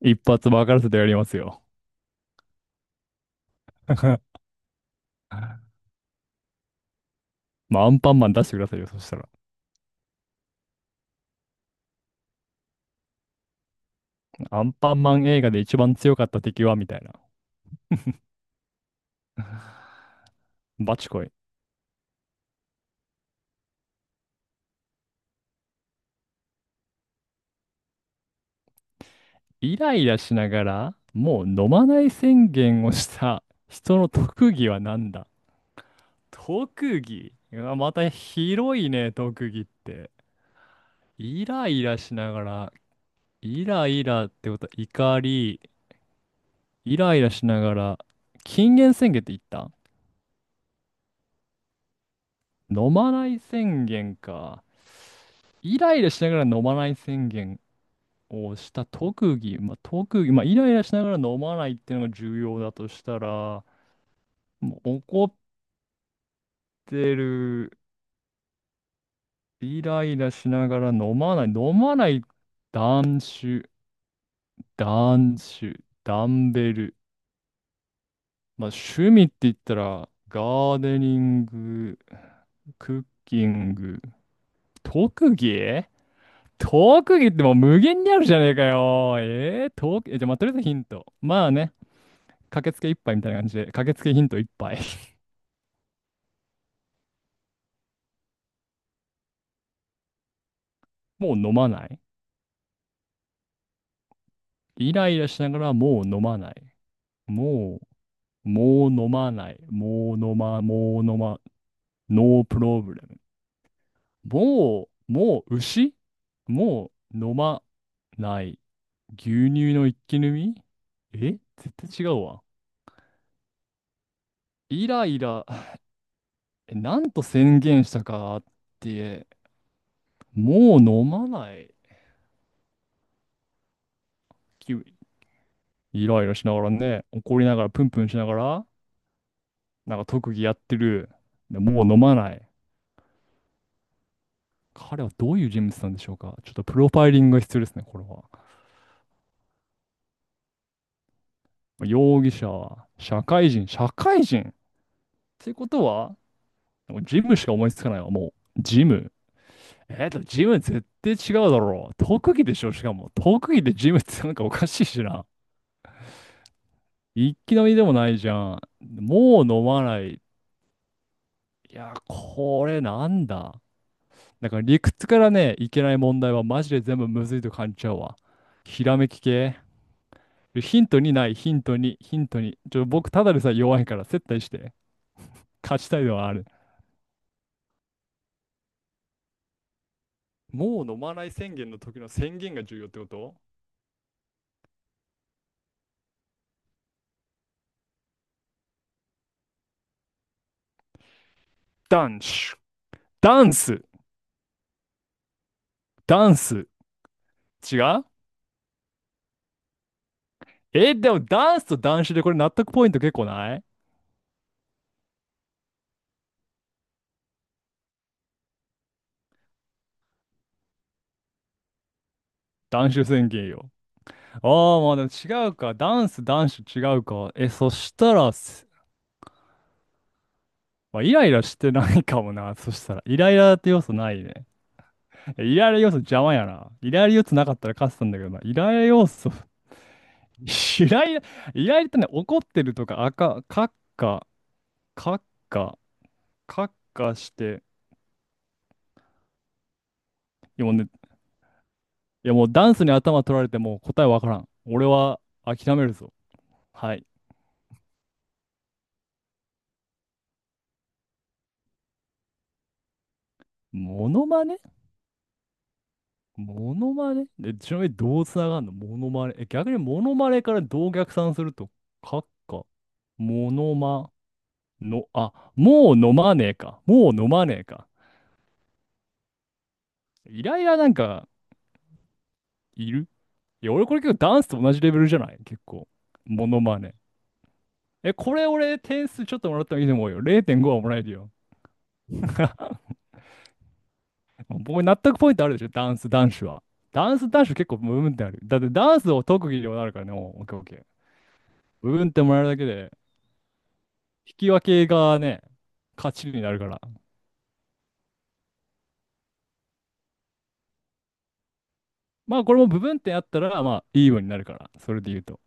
一発分からせてやりますよ。まあ、アンパンマン出してくださいよ、そしたら。アンパンマン映画で一番強かった敵はみたいな。バチコイ。イライラしながら、もう飲まない宣言をした人の特技は何だ。特技、うわまた広いね、特技って。イライラしながら、イライラってことは怒り、イライラしながら、禁煙宣言って言った。飲まない宣言か。イライラしながら飲まない宣言をした特技。まあ、特技。まあ、イライラしながら飲まないっていうのが重要だとしたら、もう怒ってる、イライラしながら飲まない。飲まない、断酒、断酒、ダンベル。まあ、趣味って言ったら、ガーデニング、クッキング、特技、特技ってもう無限にあるじゃねえかよ。特技、え、じゃあ、まあ、とりあえずヒント。まあね、駆けつけ一杯みたいな感じで、駆けつけヒント一杯。もう飲まない。イライラしながらもう飲まない。もう、もう飲まない。もう飲ま、もう飲ま、ノープロブレム。もう、もう牛、もう飲まない。牛乳の一気飲み、え絶対違うわ。イライラ、え、なんと宣言したかって、もう飲まない気分。イライラしながらね、怒りながらプンプンしながら、なんか特技やってる。でもう飲まない。彼はどういう人物なんでしょうか、ちょっとプロファイリングが必要ですね、これは。容疑者は、社会人、社会人っていうことは、ジムしか思いつかないわ、もう。ジム。でもジム絶対違うだろう。特技でしょ、しかも。特技でジムってなんかおかしいしな。一気飲みでもないじゃん。もう飲まない。いや、これなんだ。だから理屈からね、いけない問題はマジで全部むずいと感じちゃうわ。ひらめき系。ヒントにない、ヒントに、ヒントに。ちょ、僕ただでさえ弱いから接待して。勝ちたいのはある。もう飲まない宣言の時の宣言が重要ってこと。ダンス、ダンス。ダンス。違う。え、でもダンスとダンシュでこれ納得ポイント結構ない。ダンシュ宣言よ。ああ、まあでも違うか。ダンス、ダンシュ違うか。え、そしたら、まあ、イライラしてないかもな。そしたら、イライラって要素ないね。イライラ要素邪魔やな。イライラ要素なかったら勝ってたんだけどな。イライラ要素、イライラ、イライラってね、怒ってるとか、あか、かっか、かっか、かっかして、いやもうね、いやもうダンスに頭取られてもう答えわからん。俺は諦めるぞ。はい。モノマネ、モノマネで、ちなみにどうつながんのモノマネ。え、逆にモノマネからどう逆算すると、かっか、モノマ、の、あ、もう飲まねえか。もう飲まねえか。イライラなんかいる、いや、俺これ結構ダンスと同じレベルじゃない結構。モノマネ。え、これ俺点数ちょっともらった方がいいと思うよ。0.5はもらえるよ。僕納得ポイントあるでしょ、ダンス男子は。ダンス男子結構部分点ある。だってダンスを特技でもなるからね。もうオッケーオッケー。部分点もらえるだけで、引き分けがね、勝ちになるから。まあこれも部分点あったら、まあいいようになるから。それで言うと。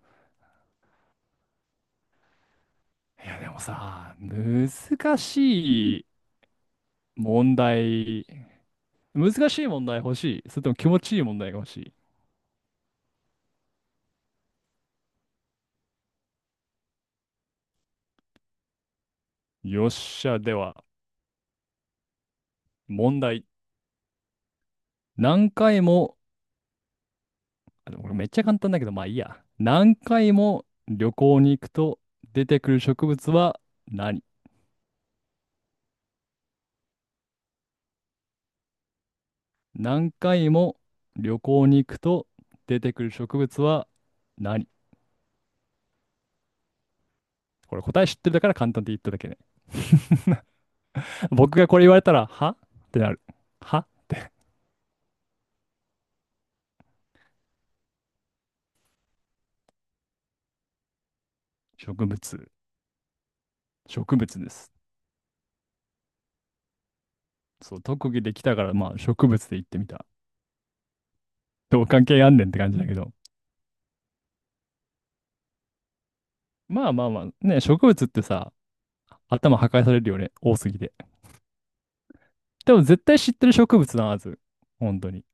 いやでもさ、難しい。問題、難しい問題欲しい。それとも気持ちいい問題が欲しい。よっしゃ、では、問題。何回も、あでもこれめっちゃ簡単だけど、まあいいや。何回も旅行に行くと出てくる植物は何？何回も旅行に行くと出てくる植物は何？これ答え知ってるだから簡単って言っただけね。僕がこれ言われたら、はってなる。は、植物。植物です。そう、特技できたから、まあ植物で言ってみた。どう関係あんねんって感じだけど。まあまあまあ、ね、植物ってさ、頭破壊されるよね、多すぎて。でも絶対知ってる植物なはず。本当に。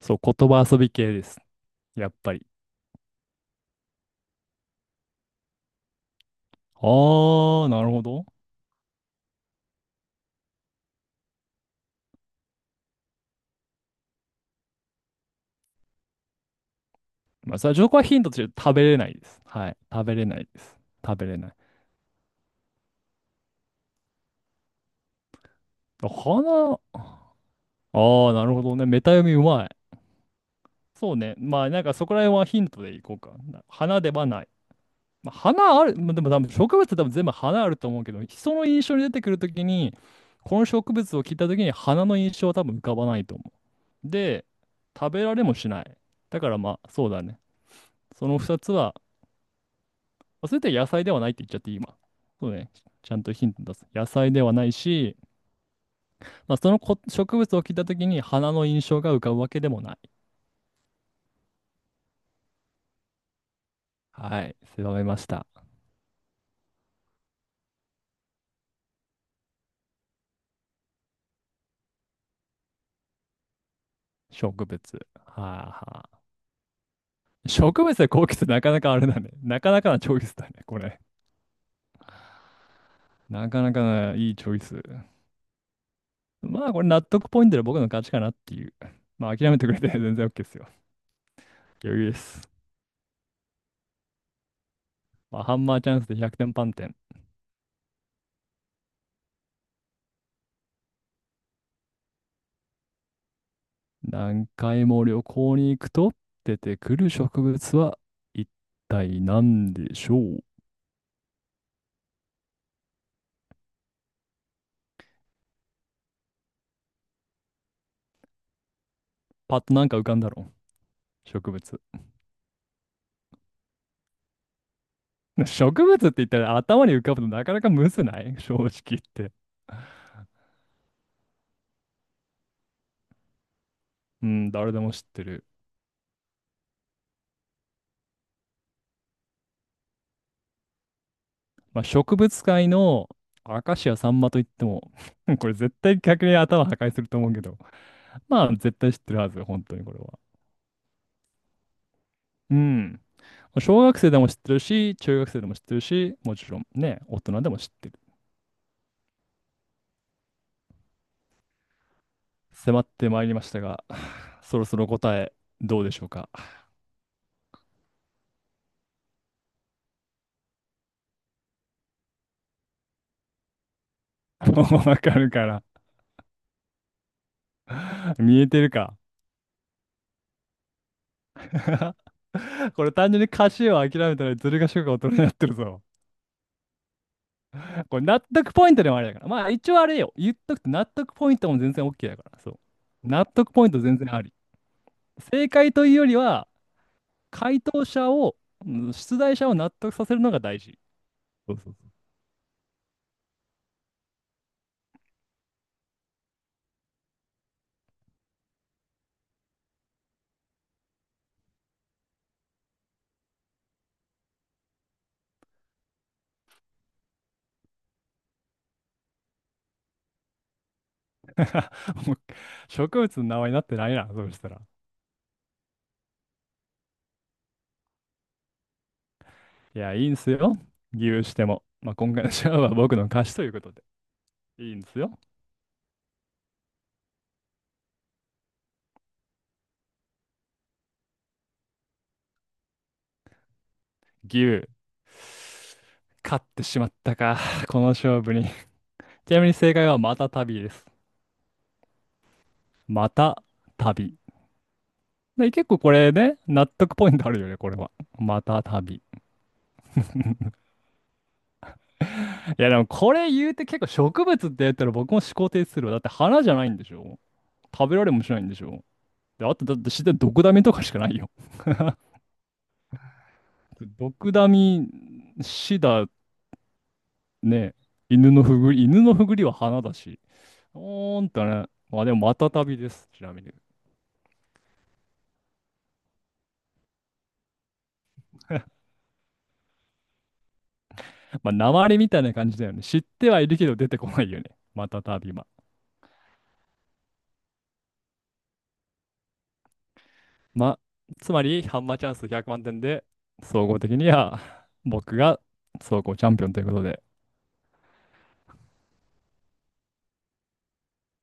そう、言葉遊び系です。やっぱり。あー、なるほど。まあ、それは情報はヒントとして食べれないです。はい。食べれないです。食べれない。花、あー、なるほどね。メタ読みうまい。そうね。まあ、なんかそこら辺はヒントでいこうか。花ではない。まあ、花ある、まあ、でも多分植物って多分全部花あると思うけど、人の印象に出てくるときに、この植物を聞いたときに花の印象は多分浮かばないと思う。で、食べられもしない。だからまあ、そうだね。その2つは、まあそれって野菜ではないって言っちゃっていい今。そうね。ちゃんとヒント出す。野菜ではないし、まあ、そのこ植物を聞いたときに花の印象が浮かぶわけでもない。はい。狭めました。植物。はあはあ。植物で高気質なかなかあれだね。なかなかなチョイスだね、これ。なかなかね、いいチョイス。まあ、これ納得ポイントで僕の勝ちかなっていう。まあ、諦めてくれて全然 OK ですよ。余裕です。まあ、ハンマーチャンスで100点満点。何回も旅行に行くと出てくる植物は一体何でしょう？パッとなんか浮かんだろう植物。植物って言ったら頭に浮かぶとなかなかむずない、正直言って。うん、誰でも知ってる。まあ、植物界のアカシアサンマといっても これ絶対逆に頭破壊すると思うけど、まあ、絶対知ってるはず、本当にこれは。うん。小学生でも知ってるし、中学生でも知ってるし、もちろんね、大人でも知ってる。迫ってまいりましたが、そろそろ答え、どうでしょうか。もうわかるから。見えてるか。これ単純に歌詞を諦めたらずる賢く大人になってるぞ。これ納得ポイントでもあれだから。まあ一応あれよ。言っとくと納得ポイントも全然 OK だから。そう。納得ポイント全然あり。正解というよりは、回答者を、うん、出題者を納得させるのが大事。そうそうそう。もう植物の名前になってないな、そうしたら。いや、いいんすよ。牛しても。まあ、今回のシャアは僕の貸しということで。いいんですよ。牛。勝ってしまったか、この勝負に。ちなみに正解はまた旅です。また旅。で、結構これね、納得ポイントあるよね、これは。また旅。いや、でもこれ言うて結構植物って言ったら僕も思考停止するわ。だって花じゃないんでしょ？食べられもしないんでしょ？で、あとだって自然毒ダミとかしかないよ。毒ダミ、死だね。犬のふぐり、犬のふぐりは花だし。おーんとね。まあでも、またたびです。ちなみに。まあ、訛りみたいな感じだよね。知ってはいるけど出てこないよね、またたびは。まあ、つまり、ハンマーチャンス100万点で、総合的には僕が総合チャンピオンということで。